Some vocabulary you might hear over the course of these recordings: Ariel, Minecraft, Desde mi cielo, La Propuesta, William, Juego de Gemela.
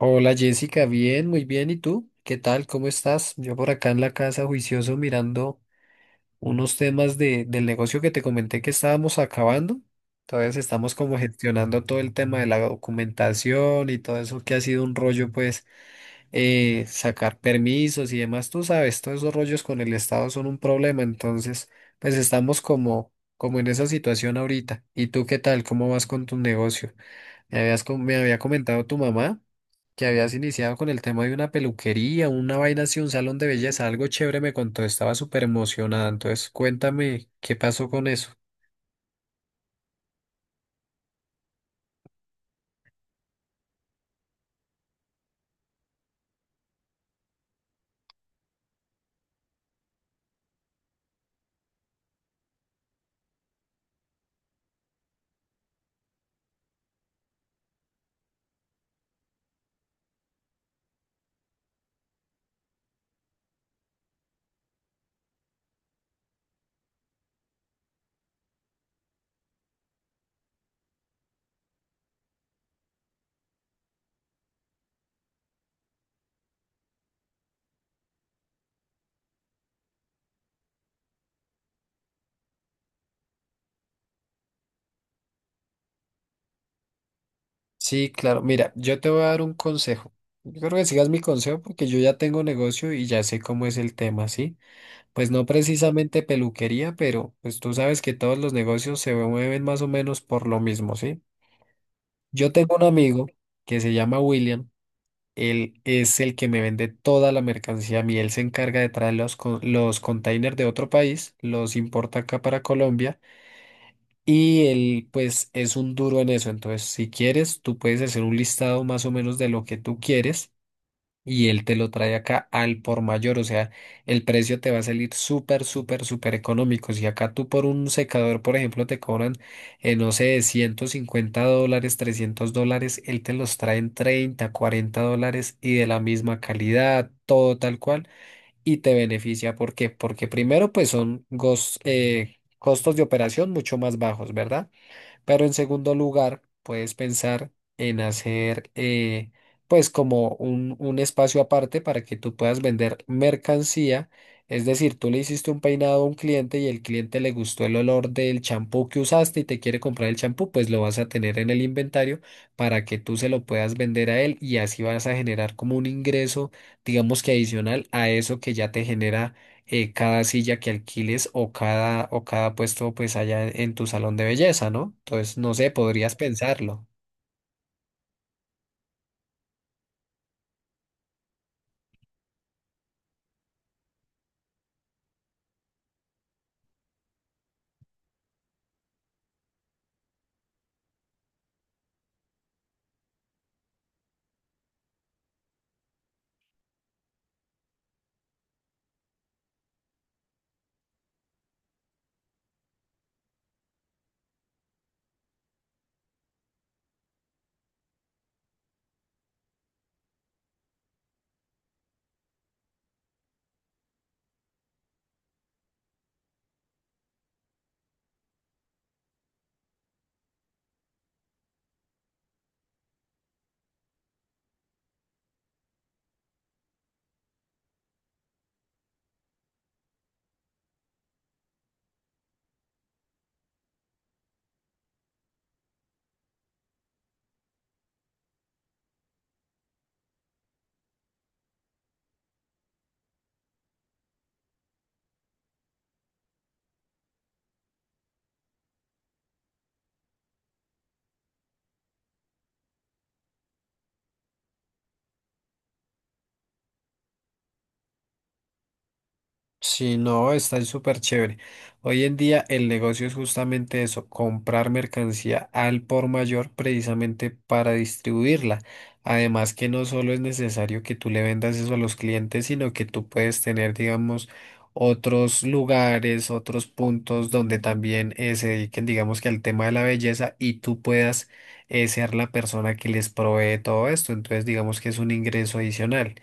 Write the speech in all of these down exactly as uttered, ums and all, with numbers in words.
Hola Jessica, bien, muy bien. ¿Y tú? ¿Qué tal? ¿Cómo estás? Yo por acá en la casa juicioso mirando unos temas de, del negocio que te comenté que estábamos acabando. Entonces estamos como gestionando todo el tema de la documentación y todo eso que ha sido un rollo, pues eh, sacar permisos y demás. Tú sabes, todos esos rollos con el Estado son un problema. Entonces, pues estamos como, como en esa situación ahorita. ¿Y tú qué tal? ¿Cómo vas con tu negocio? Me habías, com- me había comentado tu mamá que habías iniciado con el tema de una peluquería, una vaina así, un salón de belleza, algo chévere me contó, estaba súper emocionada. Entonces, cuéntame qué pasó con eso. Sí, claro, mira, yo te voy a dar un consejo. Yo creo que sigas mi consejo porque yo ya tengo negocio y ya sé cómo es el tema, ¿sí? Pues no precisamente peluquería, pero pues tú sabes que todos los negocios se mueven más o menos por lo mismo, ¿sí? Yo tengo un amigo que se llama William. Él es el que me vende toda la mercancía a mí. Él se encarga de traer los, co- los containers de otro país, los importa acá para Colombia y él pues es un duro en eso. Entonces, si quieres, tú puedes hacer un listado más o menos de lo que tú quieres y él te lo trae acá al por mayor, o sea, el precio te va a salir súper, súper, súper económico. Si acá tú por un secador, por ejemplo, te cobran, eh, no sé, ciento cincuenta dólares, trescientos dólares, él te los trae en treinta, cuarenta dólares y de la misma calidad, todo tal cual, y te beneficia. ¿Por qué? Porque primero, pues son gos- eh, costos de operación mucho más bajos, ¿verdad? Pero en segundo lugar, puedes pensar en hacer eh, pues como un, un espacio aparte para que tú puedas vender mercancía. Es decir, tú le hiciste un peinado a un cliente y el cliente le gustó el olor del champú que usaste y te quiere comprar el champú, pues lo vas a tener en el inventario para que tú se lo puedas vender a él y así vas a generar como un ingreso, digamos que adicional a eso que ya te genera eh, cada silla que alquiles o cada, o cada puesto pues allá en tu salón de belleza, ¿no? Entonces, no sé, podrías pensarlo. Sí, no, está súper chévere. Hoy en día el negocio es justamente eso, comprar mercancía al por mayor precisamente para distribuirla. Además que no solo es necesario que tú le vendas eso a los clientes, sino que tú puedes tener, digamos, otros lugares, otros puntos donde también eh, se dediquen, digamos que al tema de la belleza y tú puedas eh, ser la persona que les provee todo esto. Entonces, digamos que es un ingreso adicional.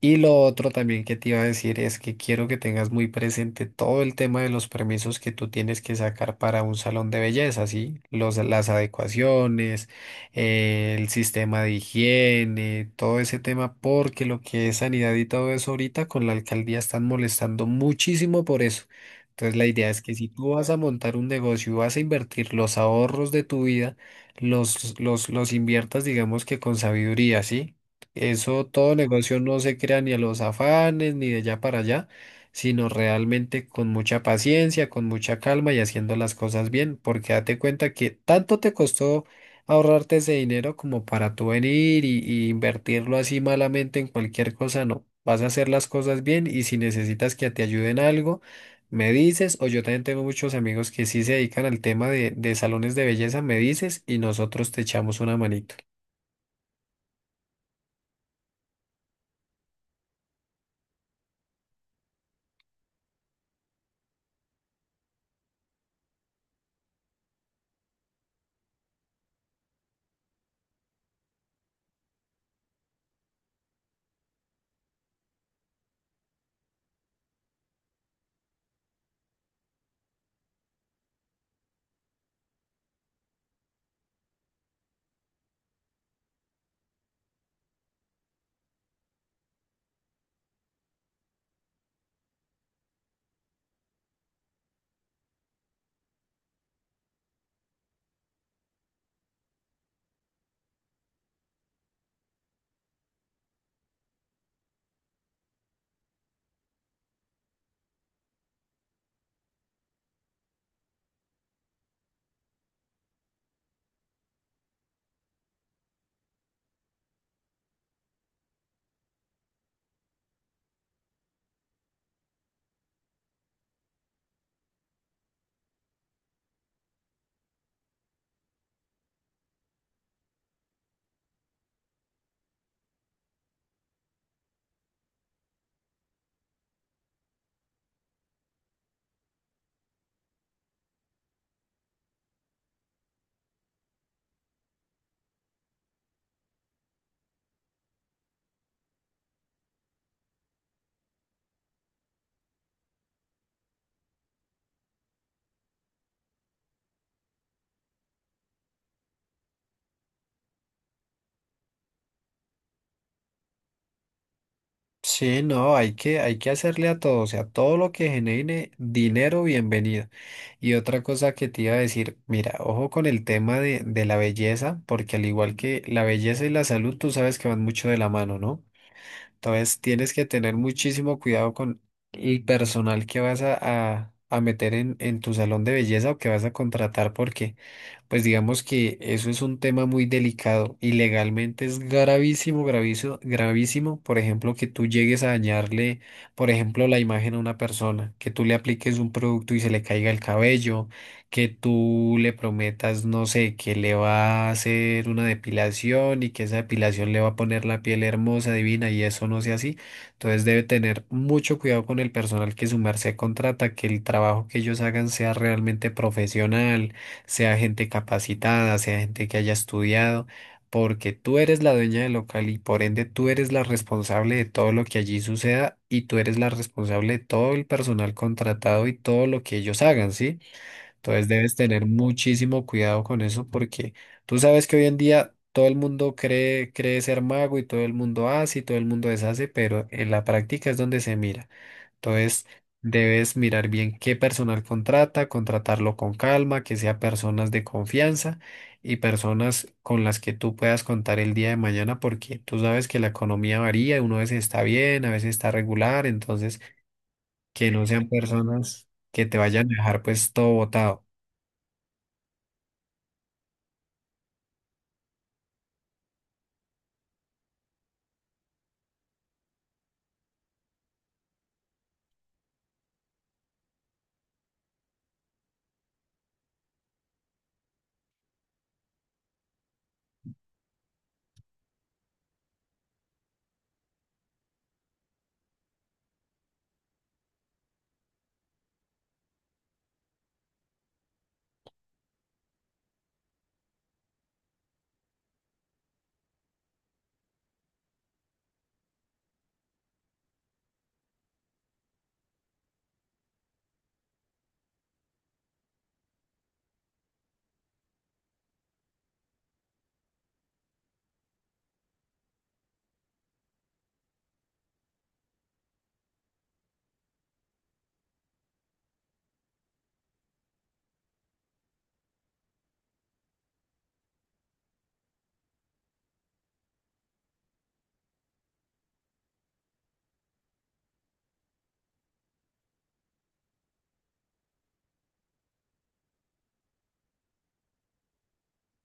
Y lo otro también que te iba a decir es que quiero que tengas muy presente todo el tema de los permisos que tú tienes que sacar para un salón de belleza, ¿sí? Los, las adecuaciones, eh, el sistema de higiene, todo ese tema, porque lo que es sanidad y todo eso ahorita con la alcaldía están molestando muchísimo por eso. Entonces la idea es que si tú vas a montar un negocio y vas a invertir los ahorros de tu vida, los, los, los inviertas, digamos que con sabiduría, ¿sí? Eso, todo negocio no se crea ni a los afanes, ni de allá para allá, sino realmente con mucha paciencia, con mucha calma y haciendo las cosas bien, porque date cuenta que tanto te costó ahorrarte ese dinero como para tú venir y, y invertirlo así malamente en cualquier cosa, no. Vas a hacer las cosas bien y si necesitas que te ayuden algo, me dices, o yo también tengo muchos amigos que sí se dedican al tema de, de salones de belleza, me dices y nosotros te echamos una manito. Sí, no, hay que, hay que hacerle a todo, o sea, todo lo que genere dinero, bienvenido. Y otra cosa que te iba a decir, mira, ojo con el tema de, de la belleza, porque al igual que la belleza y la salud, tú sabes que van mucho de la mano, ¿no? Entonces tienes que tener muchísimo cuidado con el personal que vas a, a, a meter en, en tu salón de belleza o que vas a contratar, porque pues digamos que eso es un tema muy delicado y legalmente es gravísimo, gravísimo, gravísimo, por ejemplo, que tú llegues a dañarle, por ejemplo, la imagen a una persona, que tú le apliques un producto y se le caiga el cabello, que tú le prometas, no sé, que le va a hacer una depilación y que esa depilación le va a poner la piel hermosa, divina y eso no sea así. Entonces debe tener mucho cuidado con el personal que su merced contrata, que el trabajo que ellos hagan sea realmente profesional, sea gente capacitada, sea gente que haya estudiado, porque tú eres la dueña del local y por ende tú eres la responsable de todo lo que allí suceda y tú eres la responsable de todo el personal contratado y todo lo que ellos hagan, ¿sí? Entonces debes tener muchísimo cuidado con eso porque tú sabes que hoy en día todo el mundo cree, cree ser mago y todo el mundo hace y todo el mundo deshace, pero en la práctica es donde se mira. Entonces debes mirar bien qué personal contrata, contratarlo con calma, que sea personas de confianza y personas con las que tú puedas contar el día de mañana porque tú sabes que la economía varía, uno a veces está bien, a veces está regular, entonces que no sean personas que te vayan a dejar pues todo botado.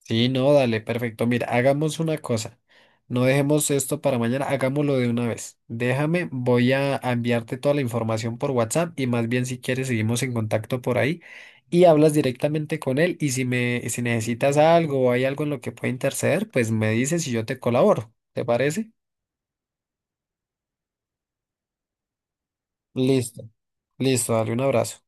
Sí, no, dale, perfecto. Mira, hagamos una cosa. No dejemos esto para mañana, hagámoslo de una vez. Déjame, voy a a enviarte toda la información por WhatsApp y más bien si quieres seguimos en contacto por ahí y hablas directamente con él y si me, si necesitas algo o hay algo en lo que pueda interceder, pues me dices y yo te colaboro. ¿Te parece? Listo, listo, dale un abrazo.